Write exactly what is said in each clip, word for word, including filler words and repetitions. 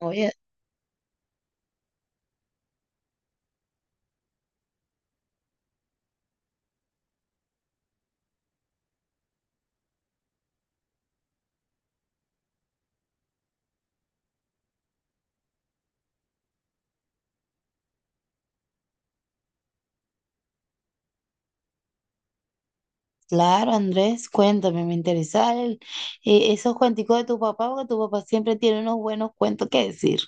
Oye, claro, Andrés, cuéntame, me interesa el- eh, esos cuenticos de tu papá, porque tu papá siempre tiene unos buenos cuentos que decir,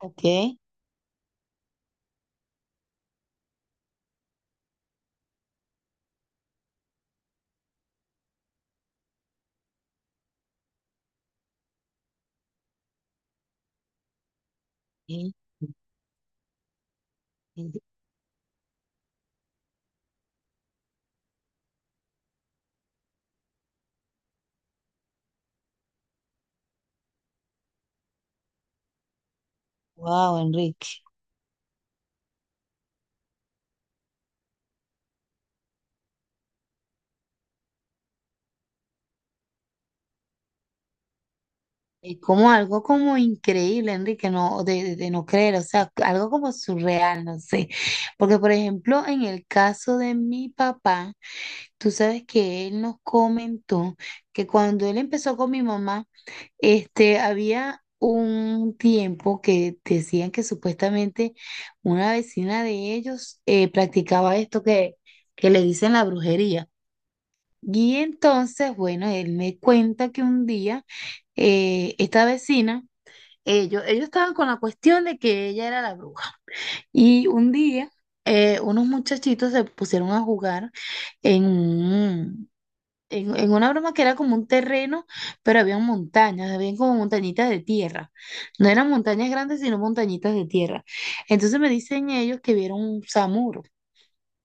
¿ok? Wow, Enrique. Es como algo como increíble, Enrique, no, de, de- de no creer, o sea, algo como surreal, no sé. Porque, por ejemplo, en el caso de mi papá, tú sabes que él nos comentó que cuando él empezó con mi mamá, este, había un tiempo que decían que supuestamente una vecina de ellos eh, practicaba esto que, que le dicen la brujería. Y entonces, bueno, él me cuenta que un día eh, esta vecina, ellos, ellos estaban con la cuestión de que ella era la bruja. Y un día, eh, unos muchachitos se pusieron a jugar en un, en, en una broma que era como un terreno, pero había montañas, había como montañitas de tierra. No eran montañas grandes, sino montañitas de tierra. Entonces me dicen ellos que vieron un samuro.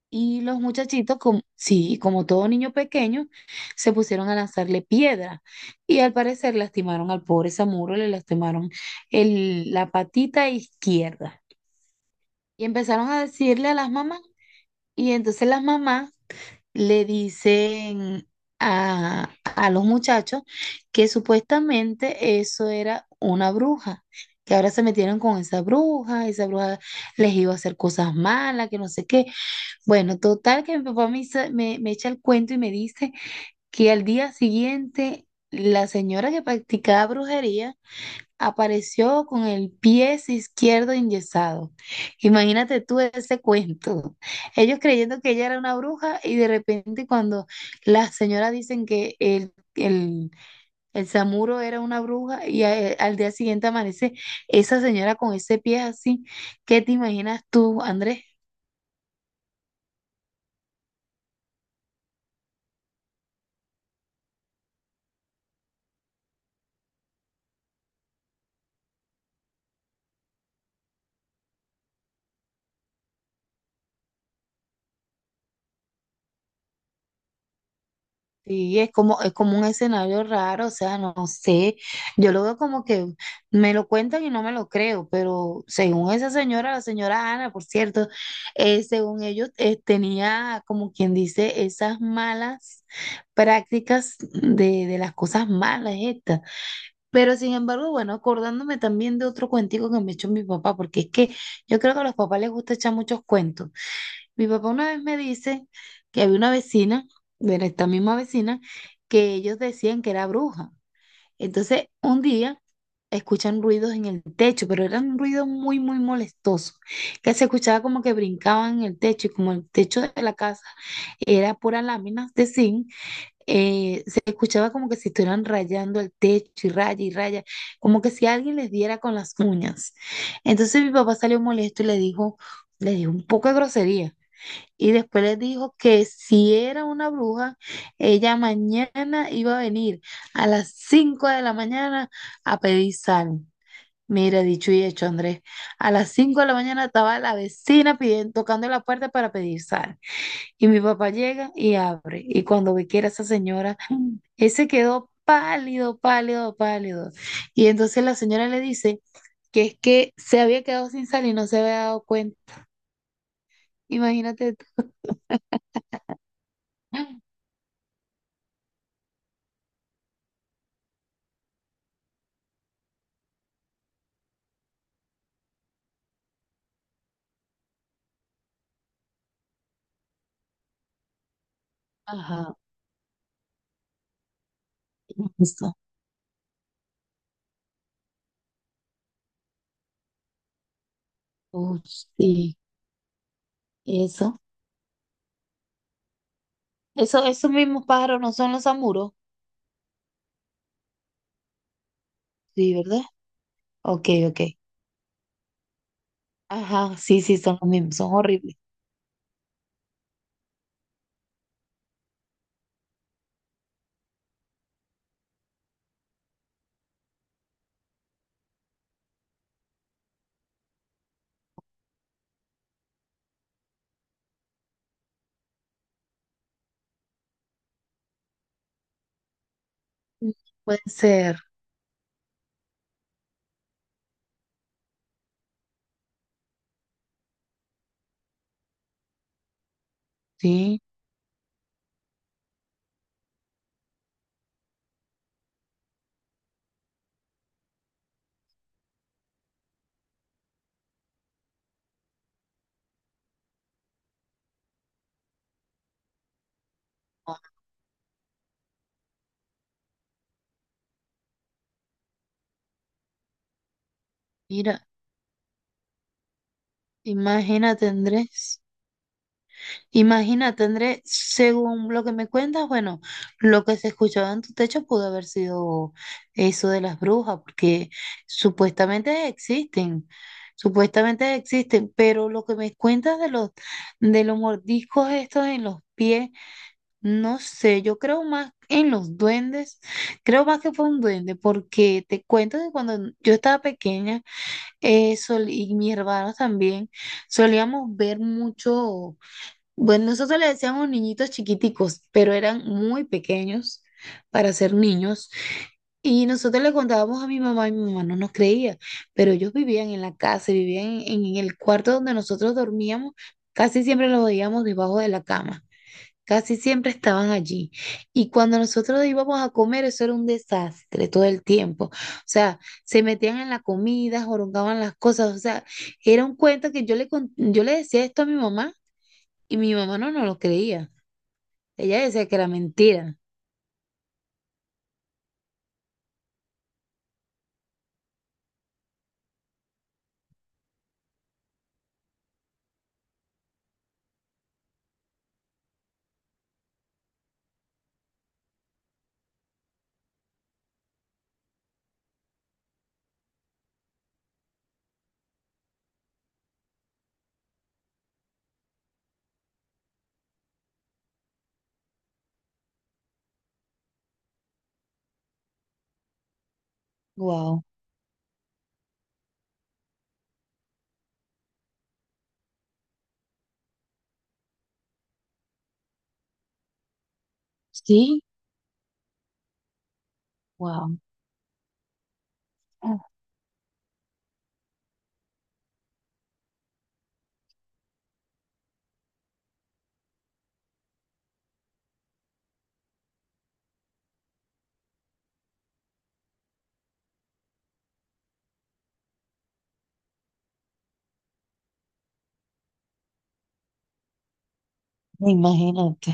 Y los muchachitos, como, sí, como todo niño pequeño, se pusieron a lanzarle piedra. Y al parecer lastimaron al pobre samuro, le lastimaron el, la patita izquierda. Y empezaron a decirle a las mamás. Y entonces las mamás le dicen a, a los muchachos que supuestamente eso era una bruja, que ahora se metieron con esa bruja, esa bruja les iba a hacer cosas malas, que no sé qué. Bueno, total que mi papá me, hizo- me, me echa el cuento y me dice que al día siguiente la señora que practicaba brujería apareció con el pie izquierdo enyesado. Imagínate tú ese cuento. Ellos creyendo que ella era una bruja y de repente cuando las señoras dicen que el, el, el samuro era una bruja y a- eh, al día siguiente amanece esa señora con ese pie así, ¿qué te imaginas tú, Andrés? Sí, es como, es como un escenario raro, o sea, no no sé, yo lo veo como que me lo cuentan y no me lo creo, pero según esa señora, la señora Ana, por cierto, eh, según ellos, eh, tenía como quien dice esas malas prácticas de, de las cosas malas estas. Pero sin embargo, bueno, acordándome también de otro cuentico que me echó mi papá, porque es que yo creo que a los papás les gusta echar muchos cuentos. Mi papá una vez me dice que había una vecina, bueno, esta misma vecina, que ellos decían que era bruja. Entonces, un día escuchan ruidos en el techo, pero eran ruidos muy, muy molestosos, que se escuchaba como que brincaban en el techo y como el techo de la casa era pura láminas de zinc, eh, se escuchaba como que si estuvieran rayando el techo y raya y raya, como que si alguien les diera con las uñas. Entonces mi papá salió molesto y le dijo, le dijo un poco de grosería. Y después les dijo que si era una bruja, ella mañana iba a venir a las cinco de la mañana a pedir sal. Mira, dicho y hecho, Andrés. A las cinco de la mañana estaba la vecina pidiendo, tocando la puerta para pedir sal. Y mi papá llega y abre. Y cuando ve que era esa señora, él se quedó pálido, pálido, pálido. Y entonces la señora le dice que es que se había quedado sin sal y no se había dado cuenta. Imagínate tú. Ajá. Eso. Oh, sí, eso. Eso, esos mismos pájaros no son los samuros, sí, ¿verdad? Ok, ok. Ajá, sí, sí, son los mismos, son horribles. Mm, puede ser, sí. Ah, mira, imagínate, Andrés. Imagínate, Andrés, según lo que me cuentas, bueno, lo que se escuchaba en tu techo pudo haber sido eso de las brujas, porque supuestamente existen, supuestamente existen, pero lo que me cuentas de los, de los mordiscos estos en los pies. No sé, yo creo más en los duendes, creo más que fue un duende, porque te cuento que cuando yo estaba pequeña eh, sol- y mis hermanos también, solíamos ver mucho, bueno, nosotros le decíamos niñitos chiquiticos, pero eran muy pequeños para ser niños, y nosotros le contábamos a mi mamá y mi mamá no nos creía, pero ellos vivían en la casa, vivían en en el cuarto donde nosotros dormíamos, casi siempre los veíamos debajo de la cama. Casi siempre estaban allí. Y cuando nosotros íbamos a comer, eso era un desastre todo el tiempo. O sea, se metían en la comida, jorongaban las cosas. O sea, era un cuento que yo le, con- yo le decía esto a mi mamá y mi mamá no, no lo creía. Ella decía que era mentira. Wow. Sí, wow. Imagínate.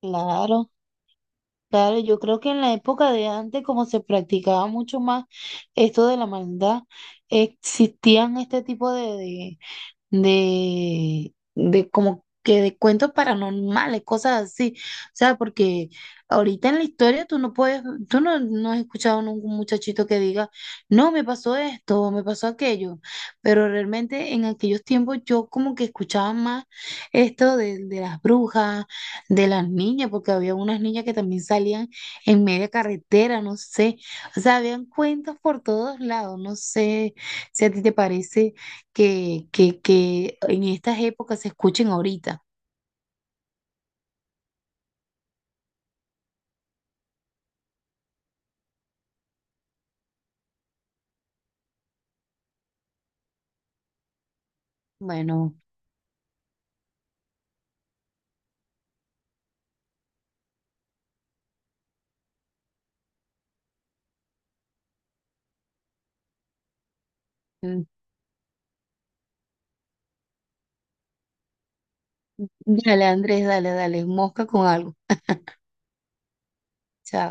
Claro, claro. Yo creo que en la época de antes, como se practicaba mucho más esto de la maldad, existían este tipo de, de de, de como que de cuentos paranormales, cosas así. O sea, porque ahorita en la historia tú no puedes, tú no, no has escuchado ningún muchachito que diga, no, me pasó esto, me pasó aquello. Pero realmente en aquellos tiempos yo como que escuchaba más esto de, de las brujas, de las niñas, porque había unas niñas que también salían en media carretera, no sé. O sea, habían cuentos por todos lados, no sé si a ti te parece que, que, que en estas épocas se escuchen ahorita. Bueno, mm, dale Andrés, dale, dale, mosca con algo. Chao.